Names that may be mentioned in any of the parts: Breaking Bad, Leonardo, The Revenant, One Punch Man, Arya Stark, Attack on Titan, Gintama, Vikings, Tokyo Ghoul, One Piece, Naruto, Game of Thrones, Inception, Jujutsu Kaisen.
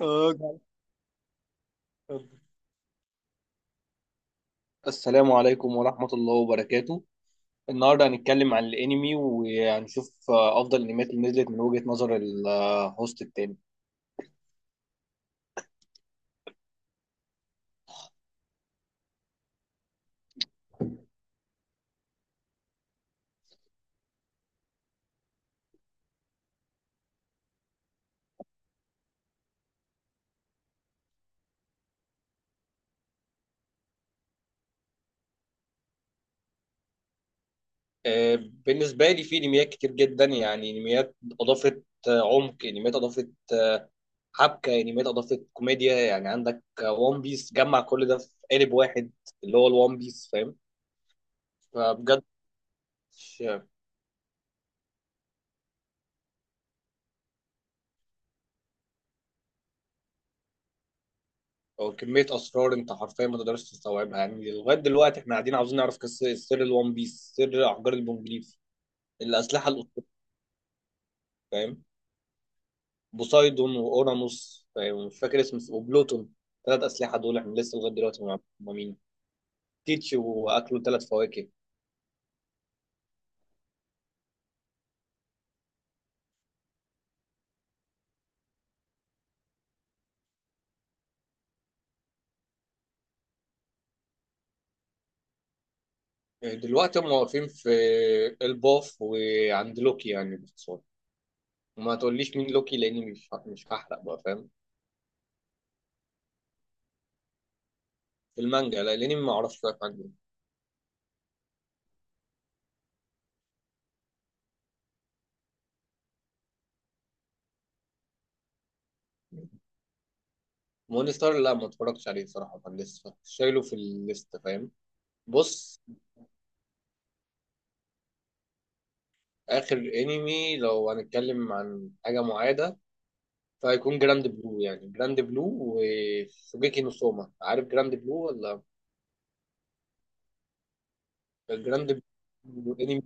آه، جدع. اتفضل. السلام عليكم ورحمة الله وبركاته. النهاردة هنتكلم عن الأنمي وهنشوف أفضل الأنميات اللي نزلت من وجهة نظر الهوست التاني. آه، بالنسبة لي في أنميات كتير جدا، يعني أنميات أضافت عمق، أنميات أضافت حبكة، أنميات أضافت كوميديا. يعني عندك وان بيس جمع كل ده في قالب واحد، اللي هو الوان بيس، فاهم؟ فبجد هو كمية أسرار، أنت حرفيا ما تقدرش تستوعبها. يعني لغاية دلوقتي إحنا قاعدين عاوزين نعرف قصة سر الون بيس، سر أحجار البونجليف، الأسلحة الأسطورية، فاهم؟ بوسايدون وأورانوس، فاهم؟ مش فاكر اسم، وبلوتون. ثلاث أسلحة دول إحنا لسه لغاية دلوقتي ما نعرفش هما مين، تيتش وأكلوا ثلاث فواكه. يعني دلوقتي هم واقفين في الباف وعند لوكي يعني باختصار. وما تقوليش مين لوكي لأني مش هحرق بقى، فاهم؟ في المانجا، لا، لأني ما أعرفش شوية حاجة. مون ستار، لا، ما اتفرجتش عليه صراحة، كان لسه شايله في الليست، فاهم؟ بص. آخر انمي لو هنتكلم عن حاجة معادة فهيكون جراند بلو. يعني جراند بلو وشوجيكي نو سوما. عارف جراند بلو ولا؟ جراند بلو انمي.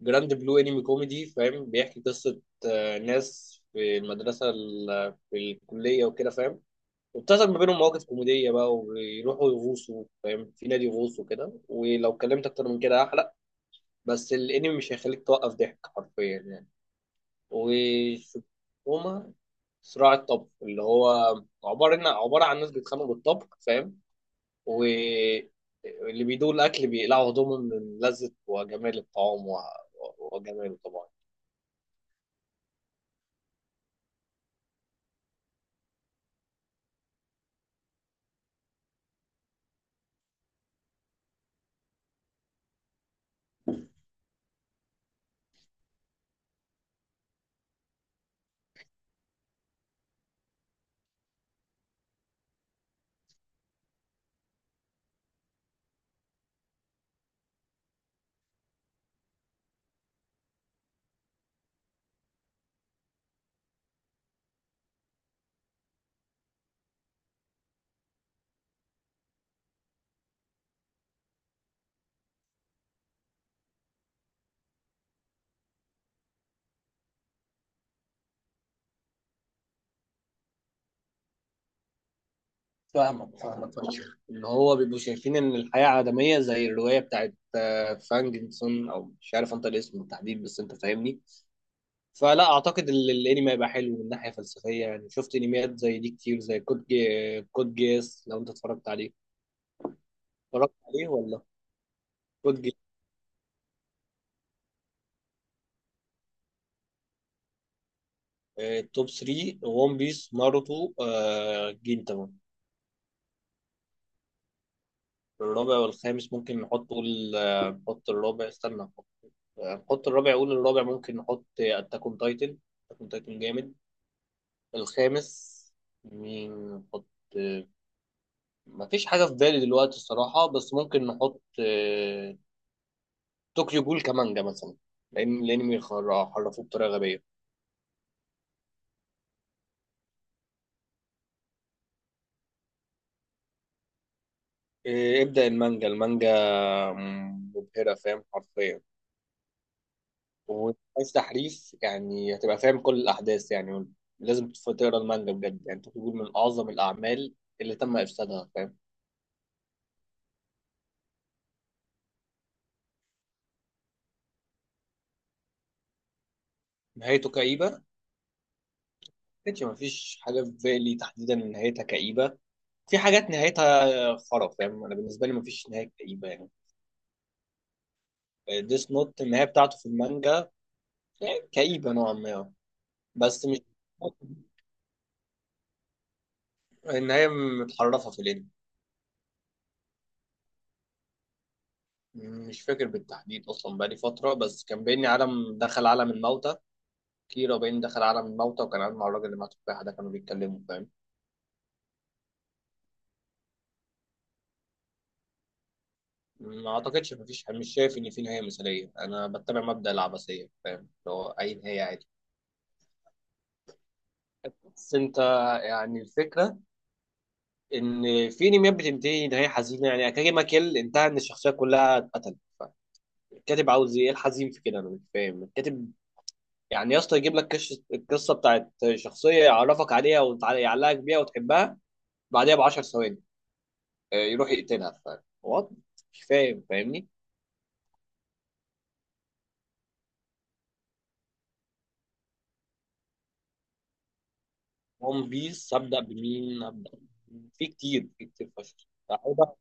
جراند بلو انمي كوميدي، فاهم؟ بيحكي قصة ناس في المدرسة في الكلية وكده، فاهم؟ وبتحصل ما بينهم مواقف كوميدية بقى، وبيروحوا يغوصوا، فاهم؟ في نادي يغوصوا كده. ولو اتكلمت أكتر من كده هحرق. بس الانمي مش هيخليك توقف ضحك حرفيا يعني. وشكوما صراع الطبخ، اللي هو عبارة إن عبارة عن ناس بيتخانقوا بالطبخ، فاهم؟ واللي بيدوق الأكل بيقلعوا هدومهم من لذة وجمال الطعام و... وجماله طبعا. فاهمك، فاهمك فشخ إن هو بيبقوا شايفين إن الحياة عدمية، زي الرواية بتاعت فانجنسون أو مش عارف أنت الاسم بالتحديد، بس أنت فاهمني. فلا اعتقد الانمي هيبقى حلو من ناحيه فلسفيه يعني. شفت انميات زي دي كتير، زي كود جيس لو انت اتفرجت عليه. اتفرجت عليه ولا؟ كود جيس. توب 3: ون بيس، ناروتو، جينتاما. الرابع والخامس ممكن نحط. قول نحط الرابع. استنى، نحط نحط الرابع. قول الرابع ممكن نحط اتاك اون تايتن. اتاك اون تايتن جامد. الخامس مين نحط؟ آه، مفيش حاجة في بالي دلوقتي الصراحة. بس ممكن نحط طوكيو جول كمانجا مثلا، لان الانمي حرفوه بطريقه غبيه. إيه، ابدا، المانجا، المانجا مبهره، فاهم؟ حرفيا. وعايز تحريف يعني هتبقى فاهم كل الاحداث يعني. لازم تقرا المانجا بجد يعني. طوكيو جول من اعظم الاعمال اللي تم افسادها، فاهم؟ نهايته كئيبه؟ كانش مفيش حاجه في بالي تحديدا إن نهايتها كئيبه. في حاجات نهايتها خرف، فاهم؟ انا بالنسبه لي مفيش نهايه كئيبه يعني. ديس نوت النهايه بتاعته في المانجا يعني كئيبه نوعا ما، بس مش. النهاية متحرفة في الانمي. مش فاكر بالتحديد أصلا، بقالي فترة. بس كان بيني عالم دخل عالم الموتى. كيرا بين دخل عالم الموتى وكان قاعد مع الراجل اللي مع التفاحة ده، كانوا بيتكلموا، فاهم؟ ما أعتقدش. مفيش، مش شايف إن في نهاية مثالية. أنا بتبع مبدأ العبثية، فاهم؟ اللي هو أي نهاية عادي. بس أنت يعني الفكرة إن في أنميات بتنتهي نهاية حزينة. يعني أكاجي ما كيل انتهى إن الشخصية كلها اتقتلت. الكاتب عاوز إيه الحزين في كده؟ أنا مش فاهم الكاتب يعني. يا اسطى يجيب لك القصه بتاعت شخصيه، يعرفك عليها ويعلقك بيها وتحبها، بعدها ب 10 ثواني يروح يقتلها. ف، وات؟ مش فاهم، فاهمني؟ ون بيس هبدا بمين؟ في كتير، في كتير فشخ. أعوضة.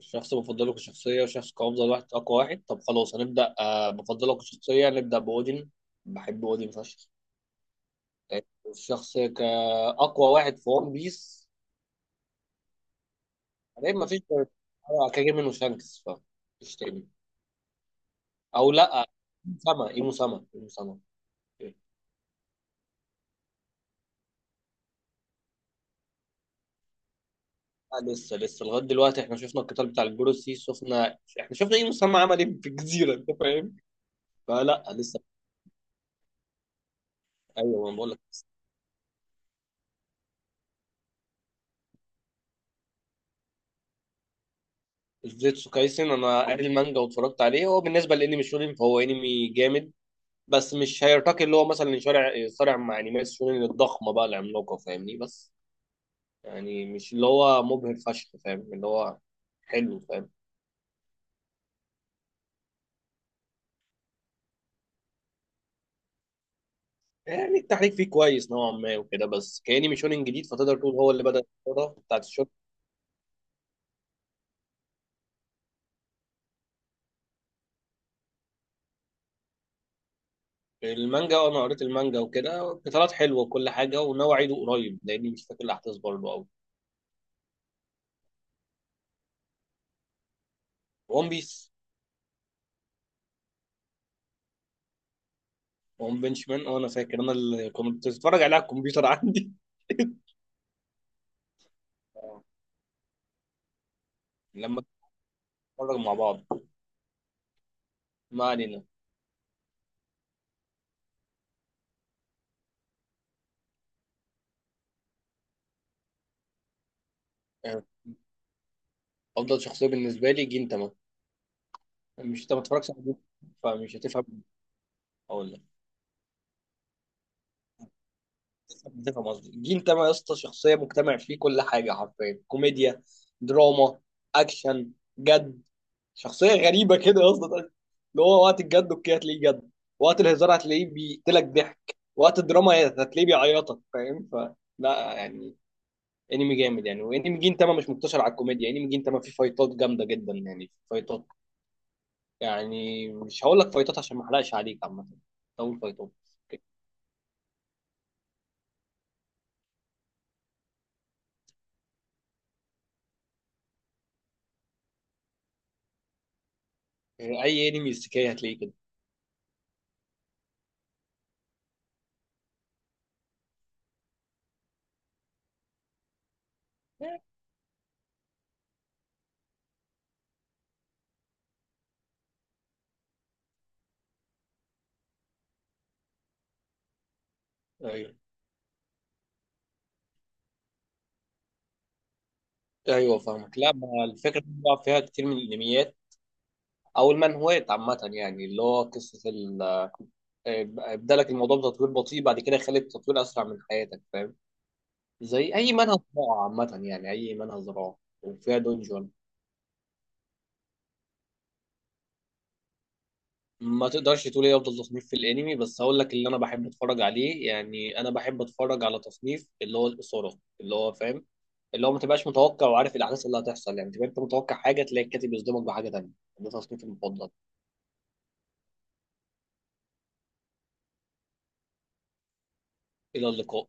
شخص بفضله كشخصية وشخص كأفضل واحد أقوى واحد. طب خلاص هنبدأ بفضله كشخصية نبدأ بأودين. بحب أودين فشخ. آه، الشخص كأقوى واحد في ون بيس هلاقي مفيش غير كاجي. منه شانكس، فمفيش تاني. او لا، مسامة. إيه. لا لسه، لسه لغايه دلوقتي احنا شفنا القتال بتاع الجروسي. شفنا ايه مسامة عمل ايه في الجزيره، انت فاهم؟ فلا لسه. ايوه ما بقول لك. جوجيتسو كايسن انا قاري المانجا واتفرجت عليه. هو بالنسبه لانمي شونين فهو انمي جامد، بس مش هيرتقي. اللي هو مثلا يصارع مع انميات شونين الضخمه بقى العملاقه، فاهمني؟ بس يعني مش اللي هو مبهر فشخ، فاهم؟ اللي هو حلو، فاهم؟ يعني التحريك فيه كويس نوعا ما وكده، بس كأني ميشونين جديد فتقدر تقول هو اللي بدأ الكورة بتاعت الشوت. المانجا، وأنا قريت المانجا وكده قتالات حلوة وكل حاجة، وناوي أعيده قريب لأني مش فاكر الأحداث برضه أوي. ون بيس. ون بنش مان. أه، أنا فاكر، أنا اللي كنت بتفرج عليه على الكمبيوتر عندي. آه. لما نتفرج مع بعض. ما علينا. آه. أفضل شخصية بالنسبة لي جنتاما. مش أنت ما تتفرجش على جنتاما، فمش هتفهم. أقول، ده فاهم قصدي؟ الجيل ده بقى يا اسطى، شخصيه مجتمع فيه كل حاجه حرفيا. كوميديا، دراما، اكشن، جد. شخصيه غريبه كده يا اسطى. اللي هو وقت الجد اوكي هتلاقيه جد، وقت الهزار هتلاقيه بيقتلك ضحك، وقت الدراما هتلاقيه بيعيطك، فاهم؟ ف، لا يعني، انمي جامد يعني. وانمي جين تاما مش مقتصر على الكوميديا. انمي جين تاما فيه فايتات جامده جدا، يعني فايتات. يعني مش هقول لك فايتات عشان ما احرقش عليك عامه. اول فايتات. اي انمي استكاية هتلاقيه كده. ايوه، ايوه فاهمك. لا، ما الفكره دي بيلعب فيها كتير من الانميات او المانهوات عامه يعني. اللي هو قصه ال، ابدا لك الموضوع بتطوير بطيء بعد كده يخلي التطوير اسرع من حياتك، فاهم؟ زي اي منهج زراعه عامه يعني، اي منهج زراعه وفيها دونجون. ما تقدرش تقول ايه افضل تصنيف في الانمي، بس هقول لك اللي انا بحب اتفرج عليه. يعني انا بحب اتفرج على تصنيف، اللي هو الاثاره، اللي هو فاهم؟ اللي هو ما تبقاش متوقع وعارف الاحداث اللي هتحصل. يعني تبقى انت متوقع حاجه تلاقي الكاتب يصدمك بحاجه تانيه. ده تصنيفي المفضل. الى اللقاء.